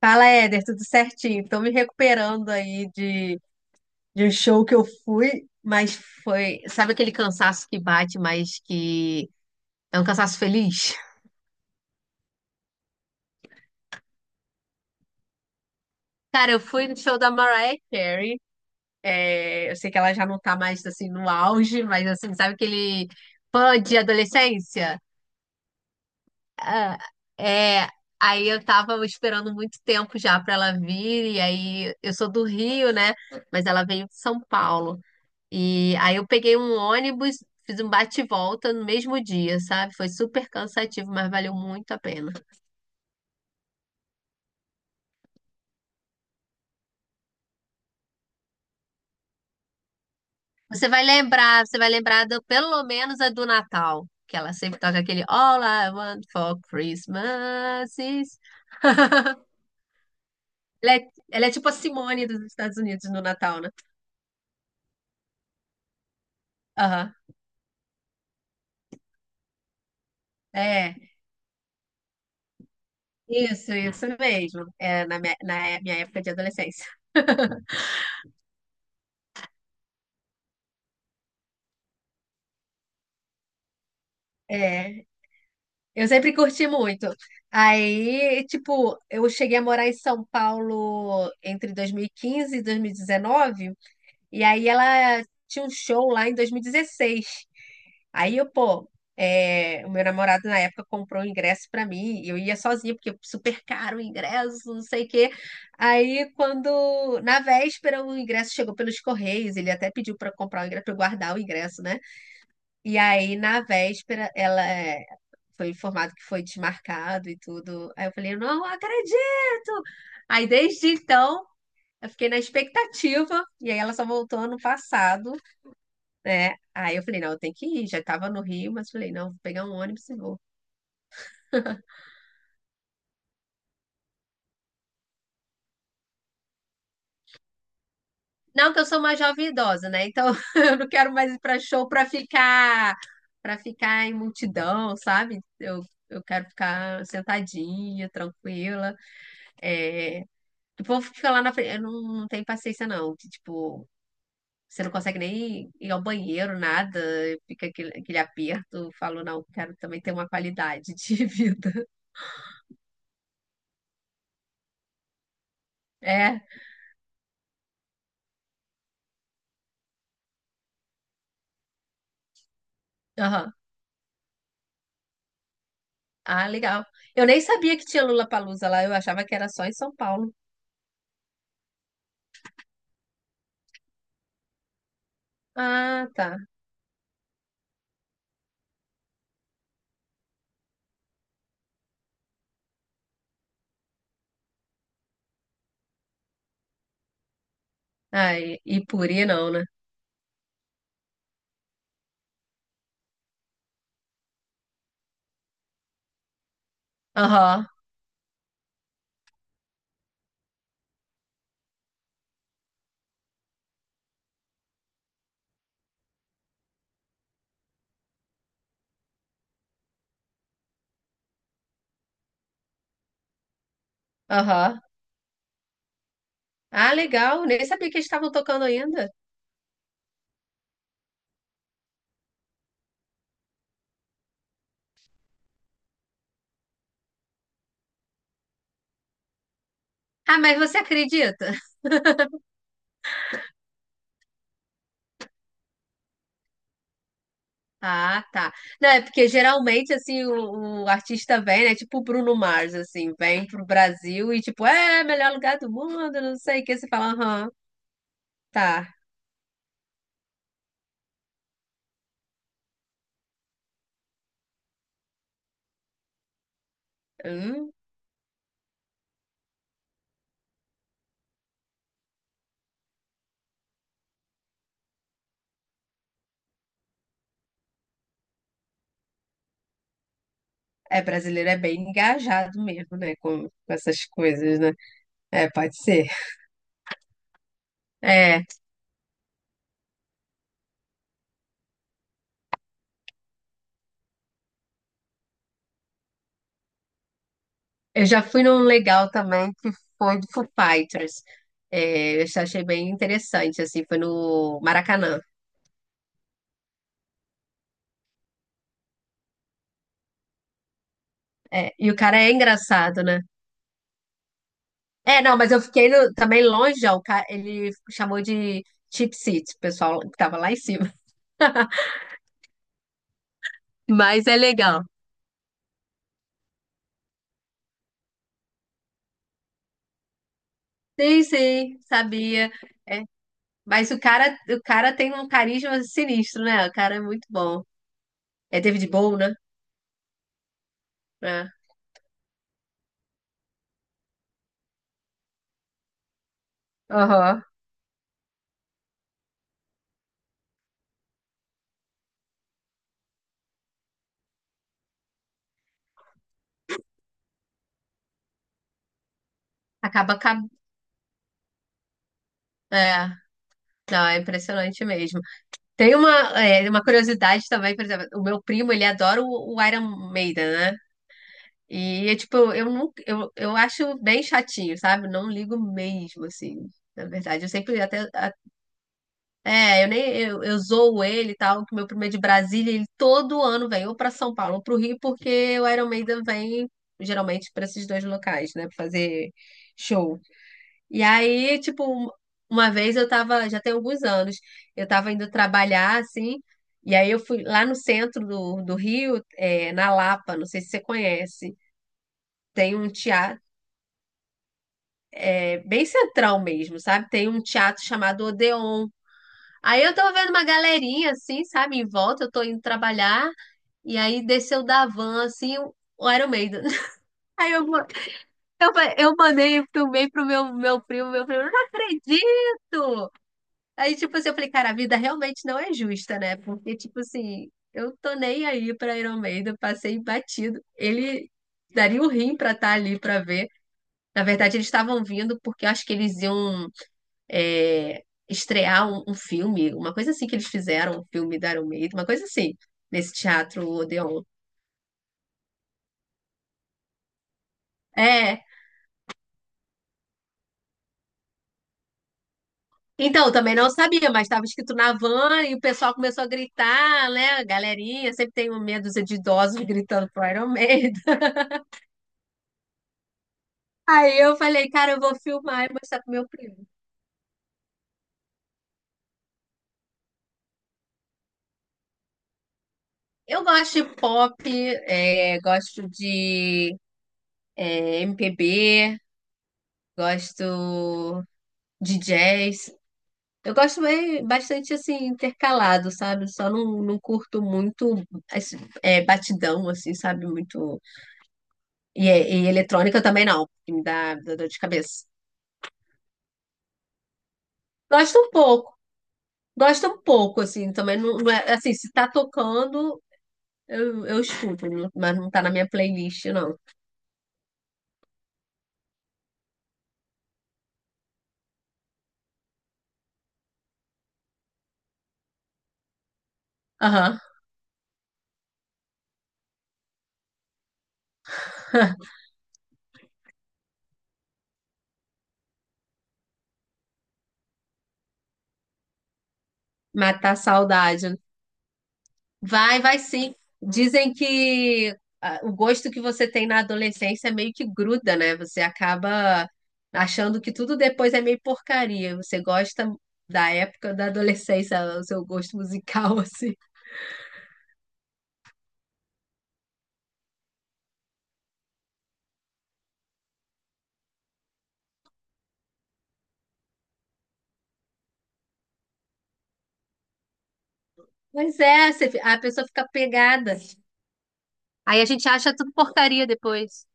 Fala, Éder, tudo certinho? Tô me recuperando aí de um show que eu. Mas foi. Sabe aquele cansaço que bate, mas que é um cansaço feliz? Cara, eu fui no show da Mariah Carey. É, eu sei que ela já não tá mais assim no auge, mas assim, sabe aquele fã de adolescência? Ah, é. Aí eu tava esperando muito tempo já pra ela vir, e aí eu sou do Rio, né? Mas ela veio de São Paulo. E aí eu peguei um ônibus, fiz um bate-volta e volta no mesmo dia, sabe? Foi super cansativo, mas valeu muito a pena. Você vai lembrar pelo menos a do Natal, que ela sempre toca aquele All I want for Christmas is... Ela é tipo a Simone dos Estados Unidos no Natal, né? Aham, é. Isso mesmo. É, na minha época de adolescência. É. Eu sempre curti muito. Aí, tipo, eu cheguei a morar em São Paulo entre 2015 e 2019. E aí ela tinha um show lá em 2016. Aí eu, pô, o meu namorado na época comprou o ingresso pra mim, e eu ia sozinha, porque super caro o ingresso, não sei o quê. Aí, quando, na véspera, o ingresso chegou pelos Correios, ele até pediu pra eu comprar o ingresso, pra eu guardar o ingresso, né? E aí, na véspera, foi informado que foi desmarcado e tudo. Aí eu falei, eu não acredito! Aí, desde então, eu fiquei na expectativa. E aí, ela só voltou ano passado, né? Aí eu falei, não, eu tenho que ir. Já estava no Rio, mas falei, não, vou pegar um ônibus e vou. Não, que eu sou uma jovem idosa, né? Então, eu não quero mais ir pra show pra ficar, para ficar em multidão, sabe? Eu quero ficar sentadinha, tranquila. É, o povo fica lá na frente. Eu não, não tenho paciência, não. Que, tipo, você não consegue nem ir ao banheiro, nada. Fica aquele aperto. Eu falo, não, quero também ter uma qualidade de vida. É, aham. Ah, legal. Eu nem sabia que tinha Lula Lollapalooza lá. Eu achava que era só em São Paulo. Ah, tá. Ah, e Puri não, né? Aham, aham. Ah, legal. Nem sabia que eles estavam tocando ainda. Ah, mas você acredita? Ah, tá. Não, é porque geralmente, assim, o artista vem, né? Tipo o Bruno Mars, assim, vem pro Brasil e, tipo, melhor lugar do mundo, não sei o que. Você fala, aham, tá. Hum, é, brasileiro é bem engajado mesmo, né? Com essas coisas, né? É, pode ser. É, eu já fui num legal também que foi do Foo Fighters. É, eu achei bem interessante, assim, foi no Maracanã. É, e o cara é engraçado, né? É, não, mas eu fiquei também longe, ó, ele chamou de cheap seat, o pessoal que tava lá em cima. Mas é legal. Sim, sim, sabia. É, mas o cara tem um carisma sinistro, né? O cara é muito bom. É David Bowie, né? É. Aham. Acaba, é, não, é impressionante mesmo. Tem uma curiosidade também, por exemplo, o meu primo, ele adora o Iron Maiden, né? E é tipo, eu não, eu acho bem chatinho, sabe? Não ligo mesmo, assim. Na verdade, eu sempre até, a- é, eu nem eu, eu zoo ele e tal, que meu primeiro é de Brasília, ele todo ano vem ou pra São Paulo ou pro Rio, porque o Iron Maiden vem geralmente pra esses dois locais, né, pra fazer show. E aí, tipo, uma vez eu tava, já tem alguns anos, eu tava indo trabalhar assim, e aí eu fui lá no centro do Rio, na Lapa, não sei se você conhece tem um teatro. É bem central mesmo, sabe? Tem um teatro chamado Odeon. Aí eu tô vendo uma galerinha assim, sabe, em volta, eu tô indo trabalhar, e aí desceu da van assim, o Iron Maiden. Aí eu, ma- eu, fa- eu mandei filmei pro meu primo, eu não acredito! Aí, tipo assim, eu falei, cara, a vida realmente não é justa, né? Porque, tipo assim, eu tô nem aí pra Iron Maiden, passei batido. Ele daria o rim pra estar ali pra ver. Na verdade, eles estavam vindo porque eu acho que eles iam é, estrear um filme, uma coisa assim que eles fizeram, um filme da Iron Maiden, uma coisa assim, nesse teatro Odeon. É. Então, eu também não sabia, mas estava escrito na van e o pessoal começou a gritar, né? A galerinha, sempre tem um medo de idosos gritando pro Iron Maiden. Aí eu falei, cara, eu vou filmar e mostrar pro meu primo. Eu gosto de pop, gosto de MPB, gosto de jazz. Eu gosto bastante assim, intercalado, sabe? Só não, não curto muito esse, batidão, assim, sabe? Muito. E eletrônica também não, que me dá dor de cabeça. Gosto um pouco, gosto um pouco, assim, também não, não é assim, se tá tocando, eu escuto, mas não tá na minha playlist, não. Aham. Matar a saudade. Vai, vai sim. Dizem que o gosto que você tem na adolescência meio que gruda, né? Você acaba achando que tudo depois é meio porcaria. Você gosta da época da adolescência, o seu gosto musical, assim. Mas é, você a pessoa fica pegada. Aí a gente acha tudo porcaria depois.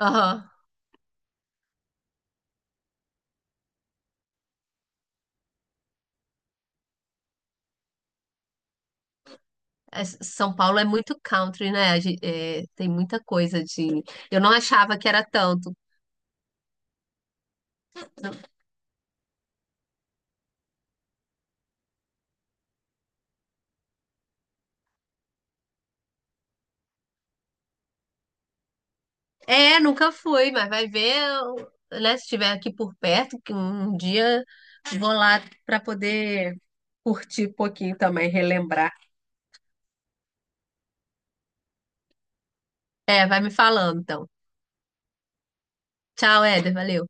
Aham. É, São Paulo é muito country, né? É, tem muita coisa de. Eu não achava que era tanto. É, nunca fui, mas vai ver, né? Se estiver aqui por perto, que um dia vou lá para poder curtir um pouquinho também, relembrar. É, vai me falando então. Tchau, Éder, valeu.